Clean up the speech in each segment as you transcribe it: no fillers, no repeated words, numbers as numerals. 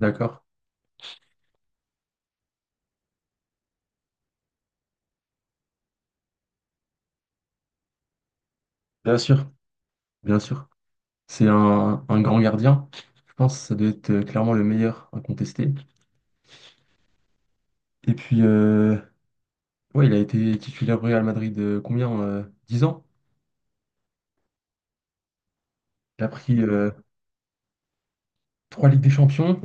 D'accord. Bien sûr, bien sûr. C'est un grand gardien. Je pense que ça doit être clairement le meilleur à contester. Et puis, ouais, il a été titulaire au Real Madrid combien? 10 ans. Il a pris 3 Ligues des Champions,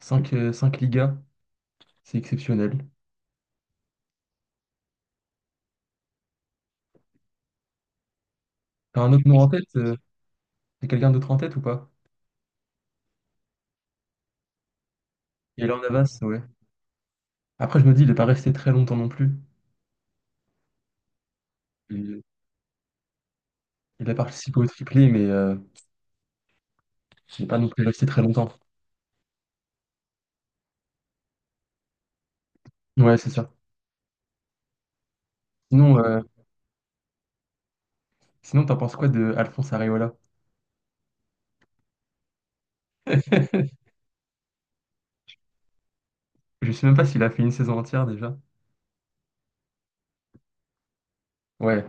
cinq Ligas. C'est exceptionnel. T'as un autre nom en tête? T'as quelqu'un d'autre en tête ou pas? Et là, on Navas, ouais. Après, je me dis, il n'est pas resté très longtemps non plus. Il, il a participé au triplé, mais il n'est pas non plus resté très longtemps. Ouais, c'est ça. Sinon, euh, sinon, t'en penses quoi de Alphonse Areola? Je sais même pas s'il a fait une saison entière déjà. Ouais,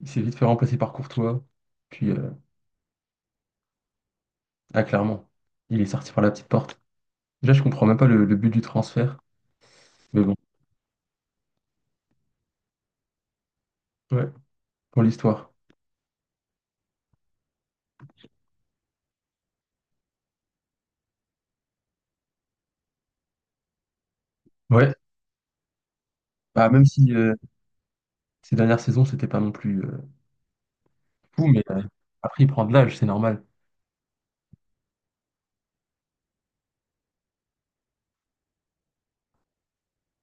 il s'est vite fait remplacer par Courtois. Puis, ah, clairement, il est sorti par la petite porte. Déjà, je comprends même pas le but du transfert. Mais bon, ouais, pour l'histoire. Ouais, bah, même si ces dernières saisons, c'était pas non plus fou, mais après, il prend de l'âge, c'est normal.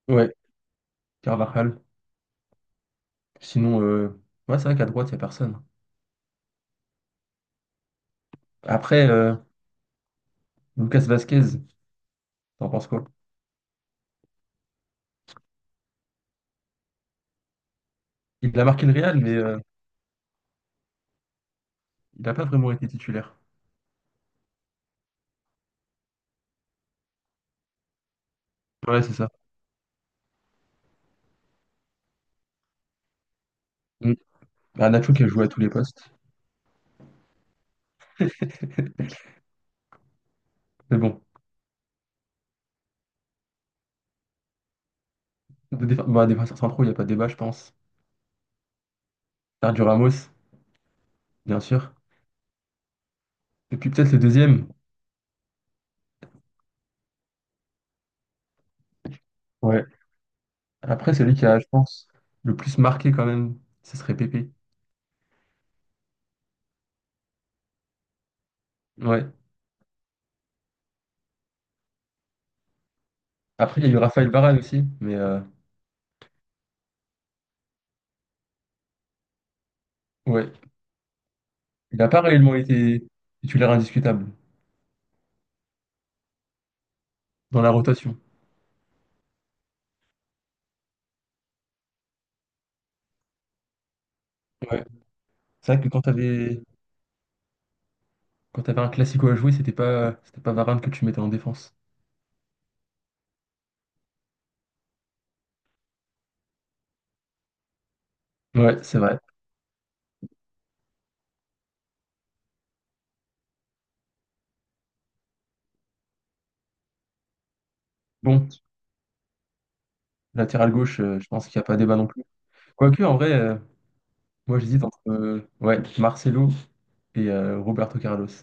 Ouais, Carvajal. Sinon, ouais, c'est vrai qu'à droite, il n'y a personne. Après, Lucas Vasquez, t'en penses quoi? Il a marqué le Real, mais il n'a pas vraiment été titulaire. Ouais, c'est ça. Mm. Bah, Nacho qui a joué à tous les postes. Mais bon, bah, défenseur centraux, il n'y a pas de débat, je pense. Sergio Ramos, bien sûr. Et puis peut-être le deuxième. Ouais. Après, celui qui a, je pense, le plus marqué quand même, ce serait Pépé. Ouais. Après, il y a eu Raphaël Varane aussi, mais ouais. Il n'a pas réellement été titulaire indiscutable dans la rotation. Ouais. C'est vrai que quand t'avais un classico à jouer, c'était pas Varane que tu mettais en défense. Ouais, c'est vrai. Bon, latéral gauche, je pense qu'il n'y a pas débat non plus. Quoique, en vrai, moi, j'hésite entre ouais, Marcelo et Roberto Carlos. Tu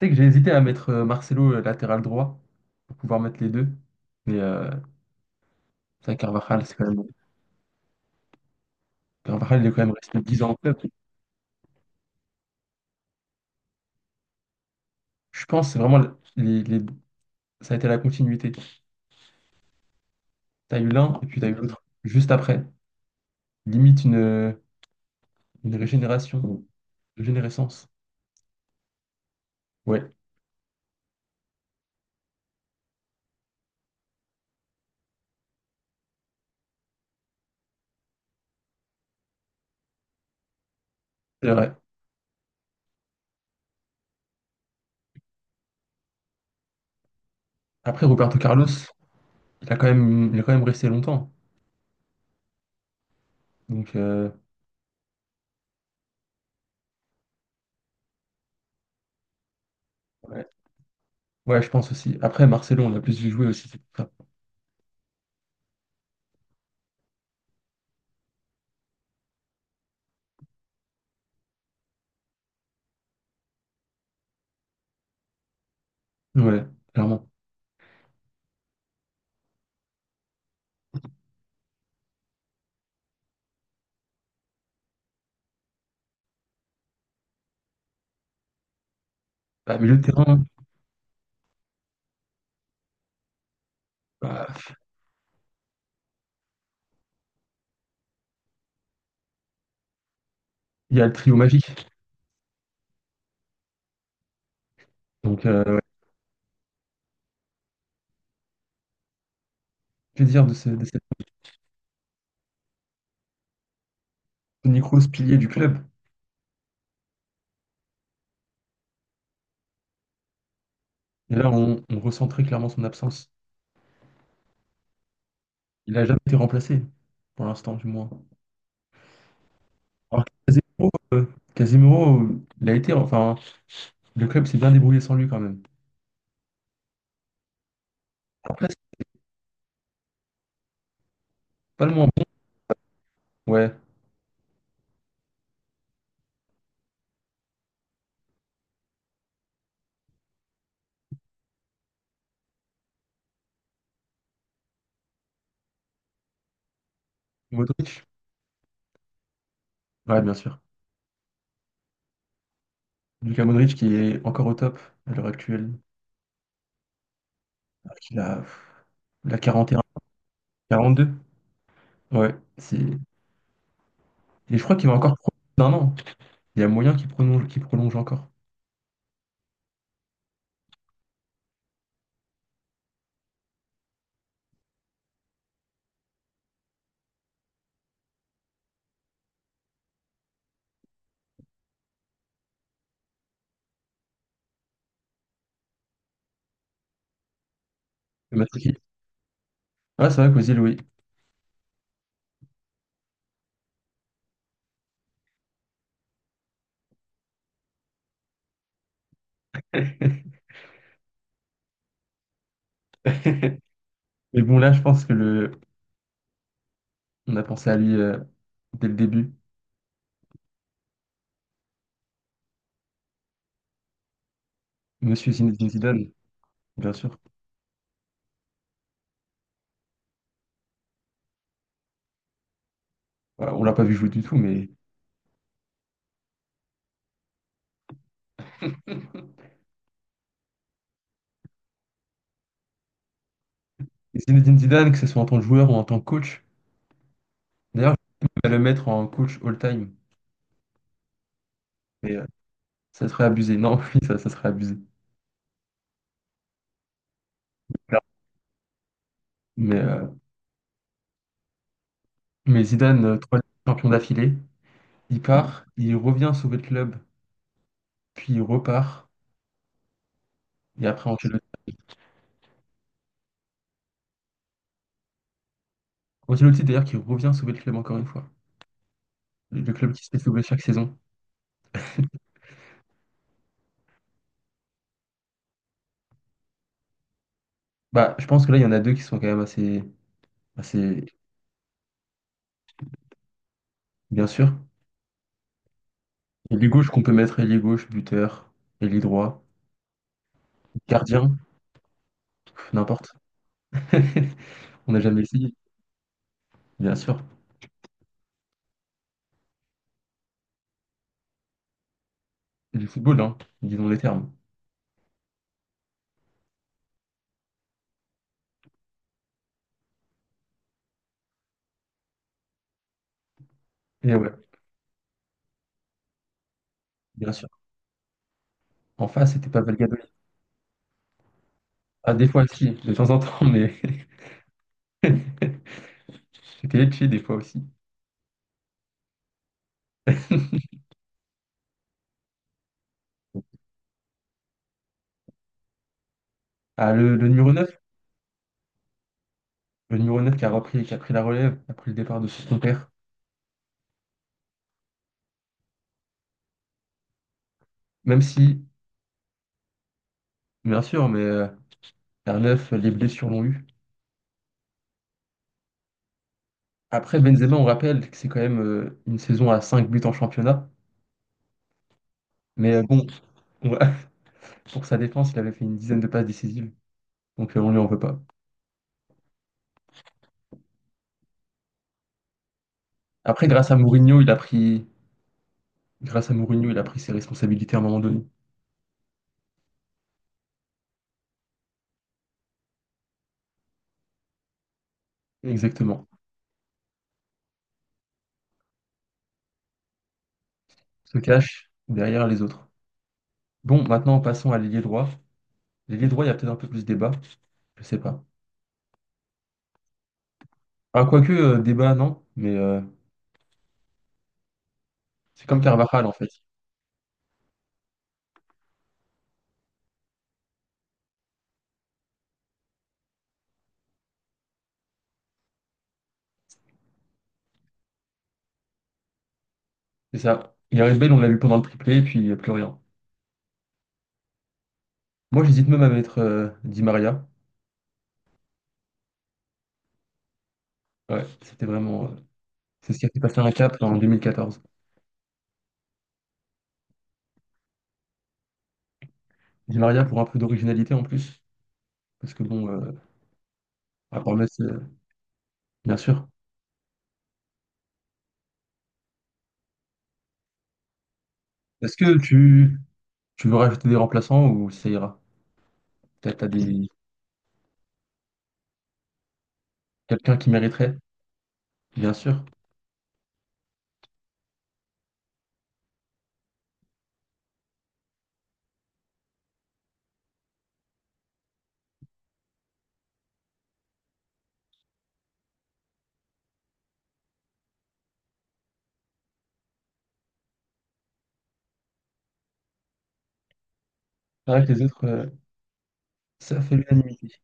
sais que j'ai hésité à mettre Marcelo latéral droit pour pouvoir mettre les deux. Mais ça, Carvajal, c'est quand même... Carvajal, il est quand même resté 10 ans en club. Je pense que c'est vraiment les, les- ça a été la continuité. T'as eu l'un et puis t'as eu l'autre juste après. Limite une régénération, une régénérescence. Ouais, c'est vrai. Après, Roberto Carlos, il a quand même resté longtemps. Donc, ouais. Ouais, je pense aussi. Après, Marcelo, on l'a plus vu jouer aussi. Ouais, clairement. Bah, milieu de terrain, bah, il y a le trio magique. Donc, ouais, de cet Tony Kroos, pilier du club. Et là, on ressent très clairement son absence. Il n'a jamais été remplacé, pour l'instant, du moins. Alors, que Casemiro, il a été, enfin, le club s'est bien débrouillé sans lui quand même. Après, c'est pas le moins bon. Ouais, Modric. Ouais, bien sûr. Lucas Modric qui est encore au top à l'heure actuelle. Il a, il a 42. Ouais, c'est... Et je crois qu'il va encore prendre un an. Il y a moyen qu'il prolonge encore. Le Matuidi. Ah, c'est vrai qu'Ozil, oui. Mais bon, là, je pense que on a pensé à lui dès le début. Monsieur Zinedine Zidane, bien sûr. Voilà, on l'a pas vu jouer du tout, mais Zinedine Zidane, que ce soit en tant que joueur ou en tant que coach. D'ailleurs, je vais le mettre en coach all-time, mais ça serait abusé. Non, oui, ça serait abusé. Mais, euh, mais, Zidane, trois champions d'affilée, il part, il revient sauver le club, puis il repart. Et après, Ancelotti, d'ailleurs, qui revient sauver le club encore une fois. Le club qui se fait sauver chaque saison. Bah, je pense que là, il y en a deux qui sont quand même assez, assez bien sûr. Ailier gauche qu'on peut mettre ailier gauche, buteur, ailier droit, gardien, pff, n'importe. On n'a jamais essayé, bien sûr. C'est du football, hein, disons les termes. Et ouais, bien sûr. En face, c'était pas Valladolid. Ah, des fois, si, de temps en temps, mais. J'étais Lecce des fois aussi. Ah, le numéro neuf qui a repris, qui a pris la relève après le départ de son père. Même si, bien sûr, mais vers 9, les blessures l'ont eu. Après, Benzema, on rappelle que c'est quand même une saison à 5 buts en championnat. Mais bon, on va- pour sa défense, il avait fait une dizaine de passes décisives. Donc on lui en veut pas. Après, grâce à Mourinho, il a pris ses responsabilités à un moment donné. Exactement. Se cache derrière les autres. Bon, maintenant, passons à l'ailier droit. L'ailier droit, il y a peut-être un peu plus de débat. Je sais pas. Ah, quoique, débat, non. Mais c'est comme Carvajal, en fait. C'est ça. Il arrive belle, on l'a vu pendant le triplé, et puis il n'y a plus rien. Moi, j'hésite même à mettre Di Maria. Ouais, c'était vraiment, c'est ce qui a fait passer un cap en 2014. Di Maria pour un peu d'originalité en plus. Parce que bon, à part Metz, bien sûr. Est-ce que tu veux rajouter des remplaçants ou ça ira? Peut-être t'as quelqu'un qui mériterait, bien sûr. C'est vrai que les autres, ça fait l'unanimité.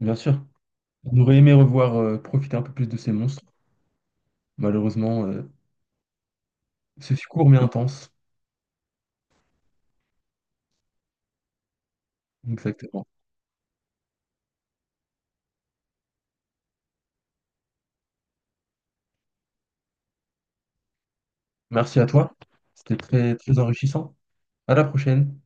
Bien sûr. On aurait aimé revoir profiter un peu plus de ces monstres. Malheureusement, ce court mais intense. Exactement. Merci à toi. C'était très, très enrichissant. À la prochaine.